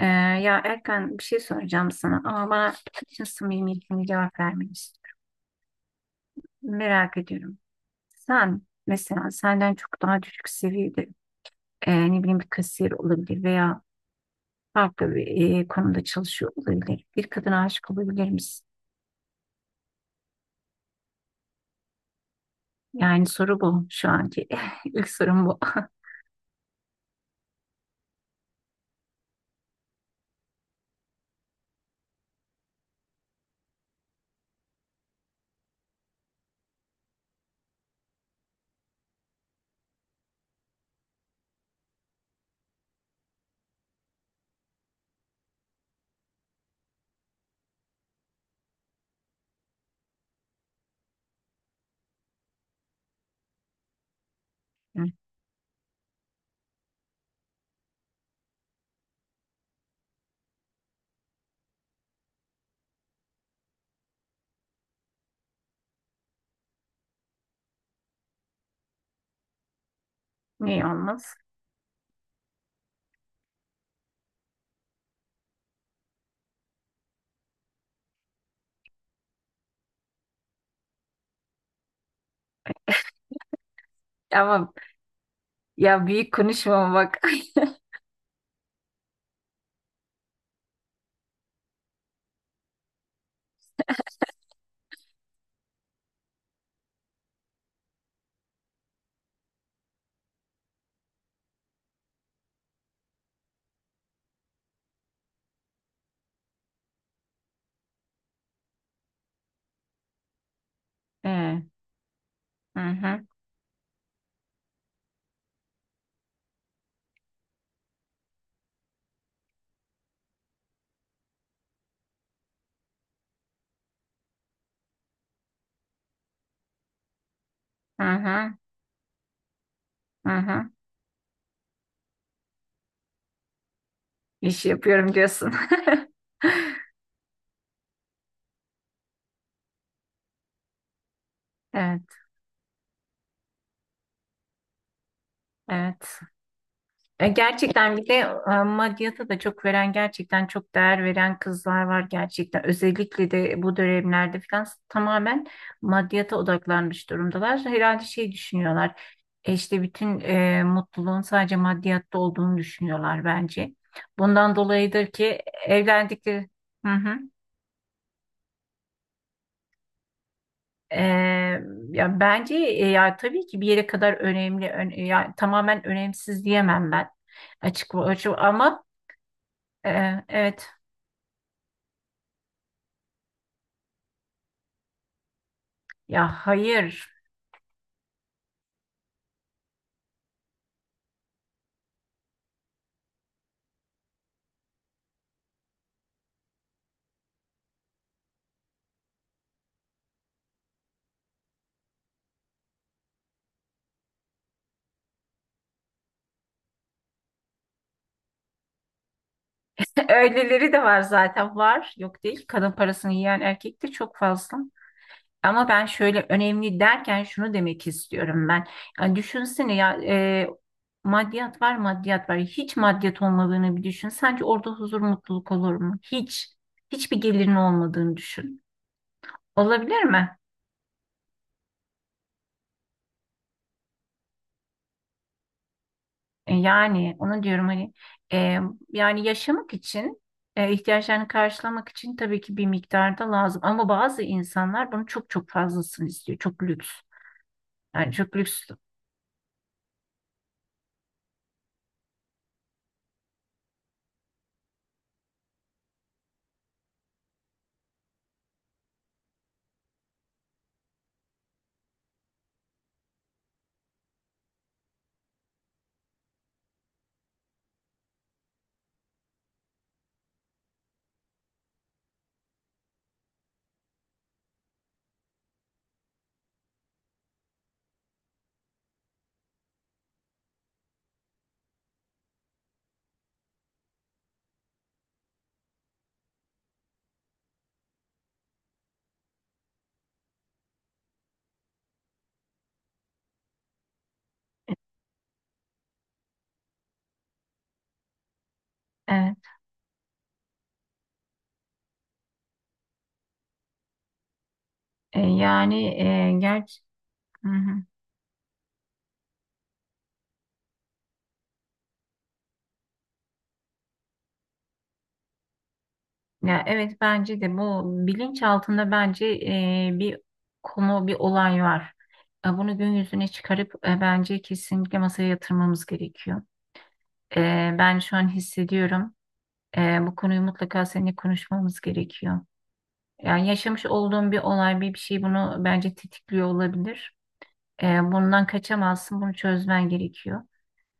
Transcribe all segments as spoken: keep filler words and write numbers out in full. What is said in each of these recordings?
Ee, Ya Erkan bir şey soracağım sana ama bana bütün samimiyetimle cevap vermelisin. Merak ediyorum. Sen mesela senden çok daha düşük seviyede e, ne bileyim bir kasiyer olabilir veya farklı bir e, konumda çalışıyor olabilir. Bir kadına aşık olabilir misin? Yani soru bu şu anki. İlk sorum bu. Hı. Niye olmaz? Ama ya büyük konuşma bak. Ee, hı hı, hı hı, hı hı. İş yapıyorum diyorsun. Evet, evet. E, Gerçekten bir de e, maddiyata da çok veren, gerçekten çok değer veren kızlar var gerçekten. Özellikle de bu dönemlerde falan tamamen maddiyata odaklanmış durumdalar. Herhalde şey düşünüyorlar, e, işte bütün e, mutluluğun sadece maddiyatta olduğunu düşünüyorlar bence. Bundan dolayıdır ki evlendikleri... Hı hı. E, Ya bence e, ya tabii ki bir yere kadar önemli, ön- ya tamamen önemsiz diyemem ben açık açık ama e, evet. Ya hayır. Öyleleri de var zaten var. Yok değil. Kadın parasını yiyen erkek de çok fazla. Ama ben şöyle önemli derken şunu demek istiyorum ben. Yani düşünsene ya e, maddiyat var maddiyat var. Hiç maddiyat olmadığını bir düşün. Sence orada huzur mutluluk olur mu? Hiç. Hiçbir gelirin olmadığını düşün. Olabilir mi? E, Yani onu diyorum hani, e, yani yaşamak için e, ihtiyaçlarını karşılamak için tabii ki bir miktarda lazım ama bazı insanlar bunu çok çok fazlasını istiyor, çok lüks yani, çok lüks. E, evet. E, yani e, gerçi hı hı. Ya evet, bence de bu bilinç altında bence e, bir konu bir olay var. E, bunu gün yüzüne çıkarıp e, bence kesinlikle masaya yatırmamız gerekiyor. E, ben şu an hissediyorum. Ee, bu konuyu mutlaka seninle konuşmamız gerekiyor. Yani yaşamış olduğun bir olay, bir bir şey bunu bence tetikliyor olabilir. Ee, bundan kaçamazsın, bunu çözmen gerekiyor.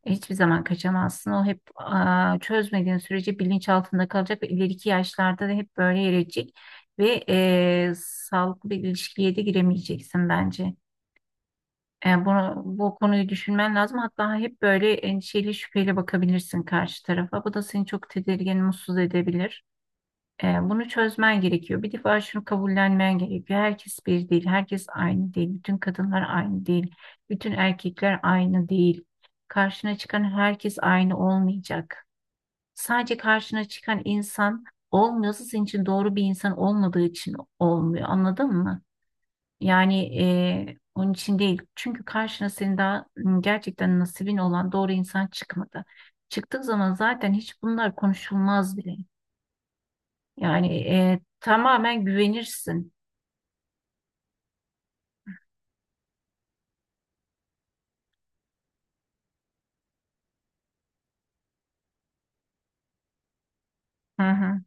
E, Hiçbir zaman kaçamazsın. O hep, aa, çözmediğin sürece bilinç altında kalacak ve ileriki yaşlarda da hep böyle yer edecek. Ve e, sağlıklı bir ilişkiye de giremeyeceksin bence. Yani bunu, bu konuyu düşünmen lazım. Hatta hep böyle endişeli, şüpheyle bakabilirsin karşı tarafa. Bu da seni çok tedirgin, mutsuz edebilir. E, bunu çözmen gerekiyor. Bir defa şunu kabullenmen gerekiyor. Herkes bir değil, herkes aynı değil. Bütün kadınlar aynı değil, bütün erkekler aynı değil. Karşına çıkan herkes aynı olmayacak. Sadece karşına çıkan insan olmuyorsa senin için doğru bir insan olmadığı için olmuyor. Anladın mı? Yani e, onun için değil. Çünkü karşına senin daha m, gerçekten nasibin olan doğru insan çıkmadı. Çıktığı zaman zaten hiç bunlar konuşulmaz bile. Yani e, tamamen güvenirsin. Hı hı.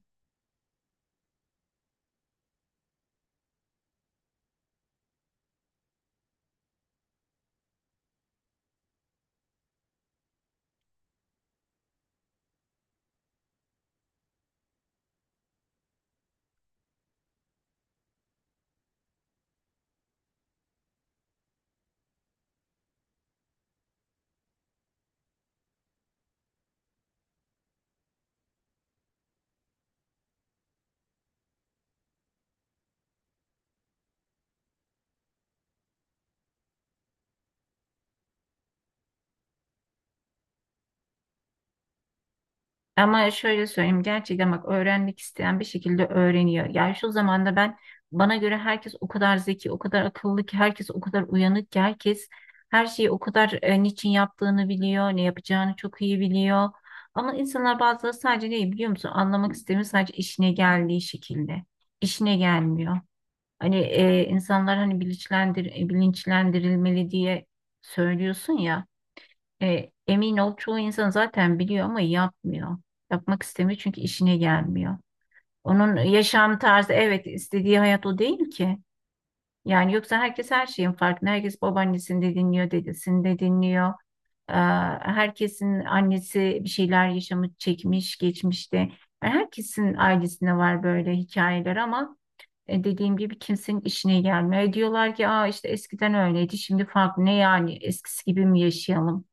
Ama şöyle söyleyeyim, gerçekten bak, öğrenmek isteyen bir şekilde öğreniyor. Yani şu zamanda ben, bana göre herkes o kadar zeki, o kadar akıllı ki, herkes o kadar uyanık ki, herkes her şeyi o kadar e, niçin yaptığını biliyor, ne yapacağını çok iyi biliyor. Ama insanlar bazıları sadece neyi biliyor musun? Anlamak istemiyor sadece işine geldiği şekilde. İşine gelmiyor. Hani e, insanlar hani bilinçlendir, bilinçlendirilmeli diye söylüyorsun ya. E, emin ol çoğu insan zaten biliyor ama yapmıyor. Yapmak istemiyor çünkü işine gelmiyor. Onun yaşam tarzı, evet, istediği hayat o değil ki. Yani yoksa herkes her şeyin farkında. Herkes babaannesini de dinliyor, dedesini de dinliyor. Ee, Herkesin annesi bir şeyler yaşamı çekmiş geçmişte. Yani herkesin ailesinde var böyle hikayeler ama e, dediğim gibi kimsenin işine gelmiyor. E, Diyorlar ki Aa, işte eskiden öyleydi şimdi farklı, ne yani eskisi gibi mi yaşayalım?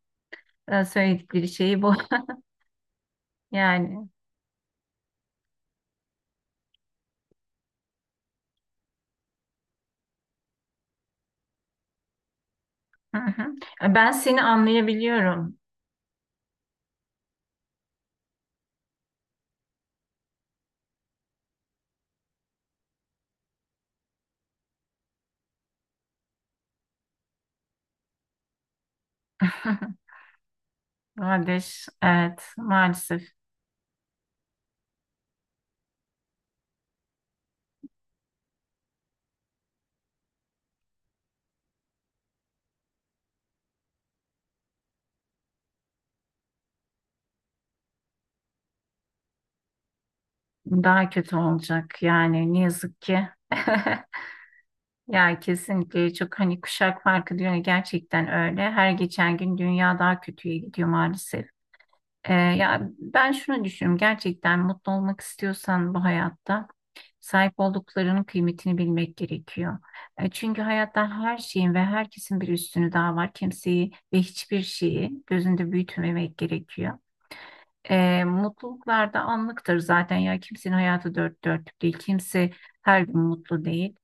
e, Söyledikleri şey bu. Yani hı hı. Ben seni anlayabiliyorum. Kardeş, evet maalesef daha kötü olacak yani ne yazık ki. Ya kesinlikle, çok, hani kuşak farkı diyor ya, gerçekten öyle. Her geçen gün dünya daha kötüye gidiyor maalesef. Ee, ya ben şunu düşünüyorum. Gerçekten mutlu olmak istiyorsan bu hayatta sahip olduklarının kıymetini bilmek gerekiyor. E, çünkü hayatta her şeyin ve herkesin bir üstünü daha var. Kimseyi ve hiçbir şeyi gözünde büyütmemek gerekiyor. E, mutluluklar da anlıktır zaten, ya kimsenin hayatı dört dörtlük değil, kimse her gün mutlu değil.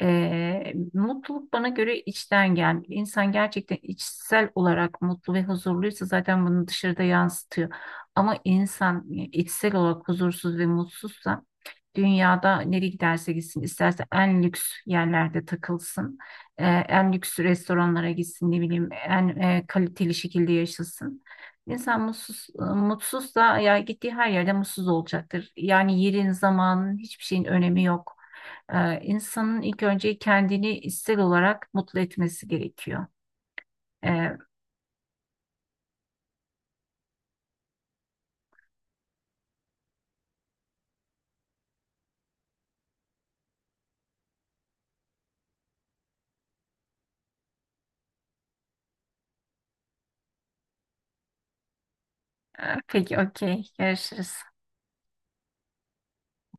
E, mutluluk bana göre içten gel, insan gerçekten içsel olarak mutlu ve huzurluysa zaten bunu dışarıda yansıtıyor, ama insan e, içsel olarak huzursuz ve mutsuzsa dünyada nereye giderse gitsin, isterse en lüks yerlerde takılsın, e, en lüks restoranlara gitsin, ne bileyim en e, kaliteli şekilde yaşasın, İnsan mutsuz, mutsuz da, ya gittiği her yerde mutsuz olacaktır. Yani yerin, zamanın, hiçbir şeyin önemi yok. Ee, insanın ilk önce kendini içsel olarak mutlu etmesi gerekiyor. Ee, e, peki, okey. Görüşürüz.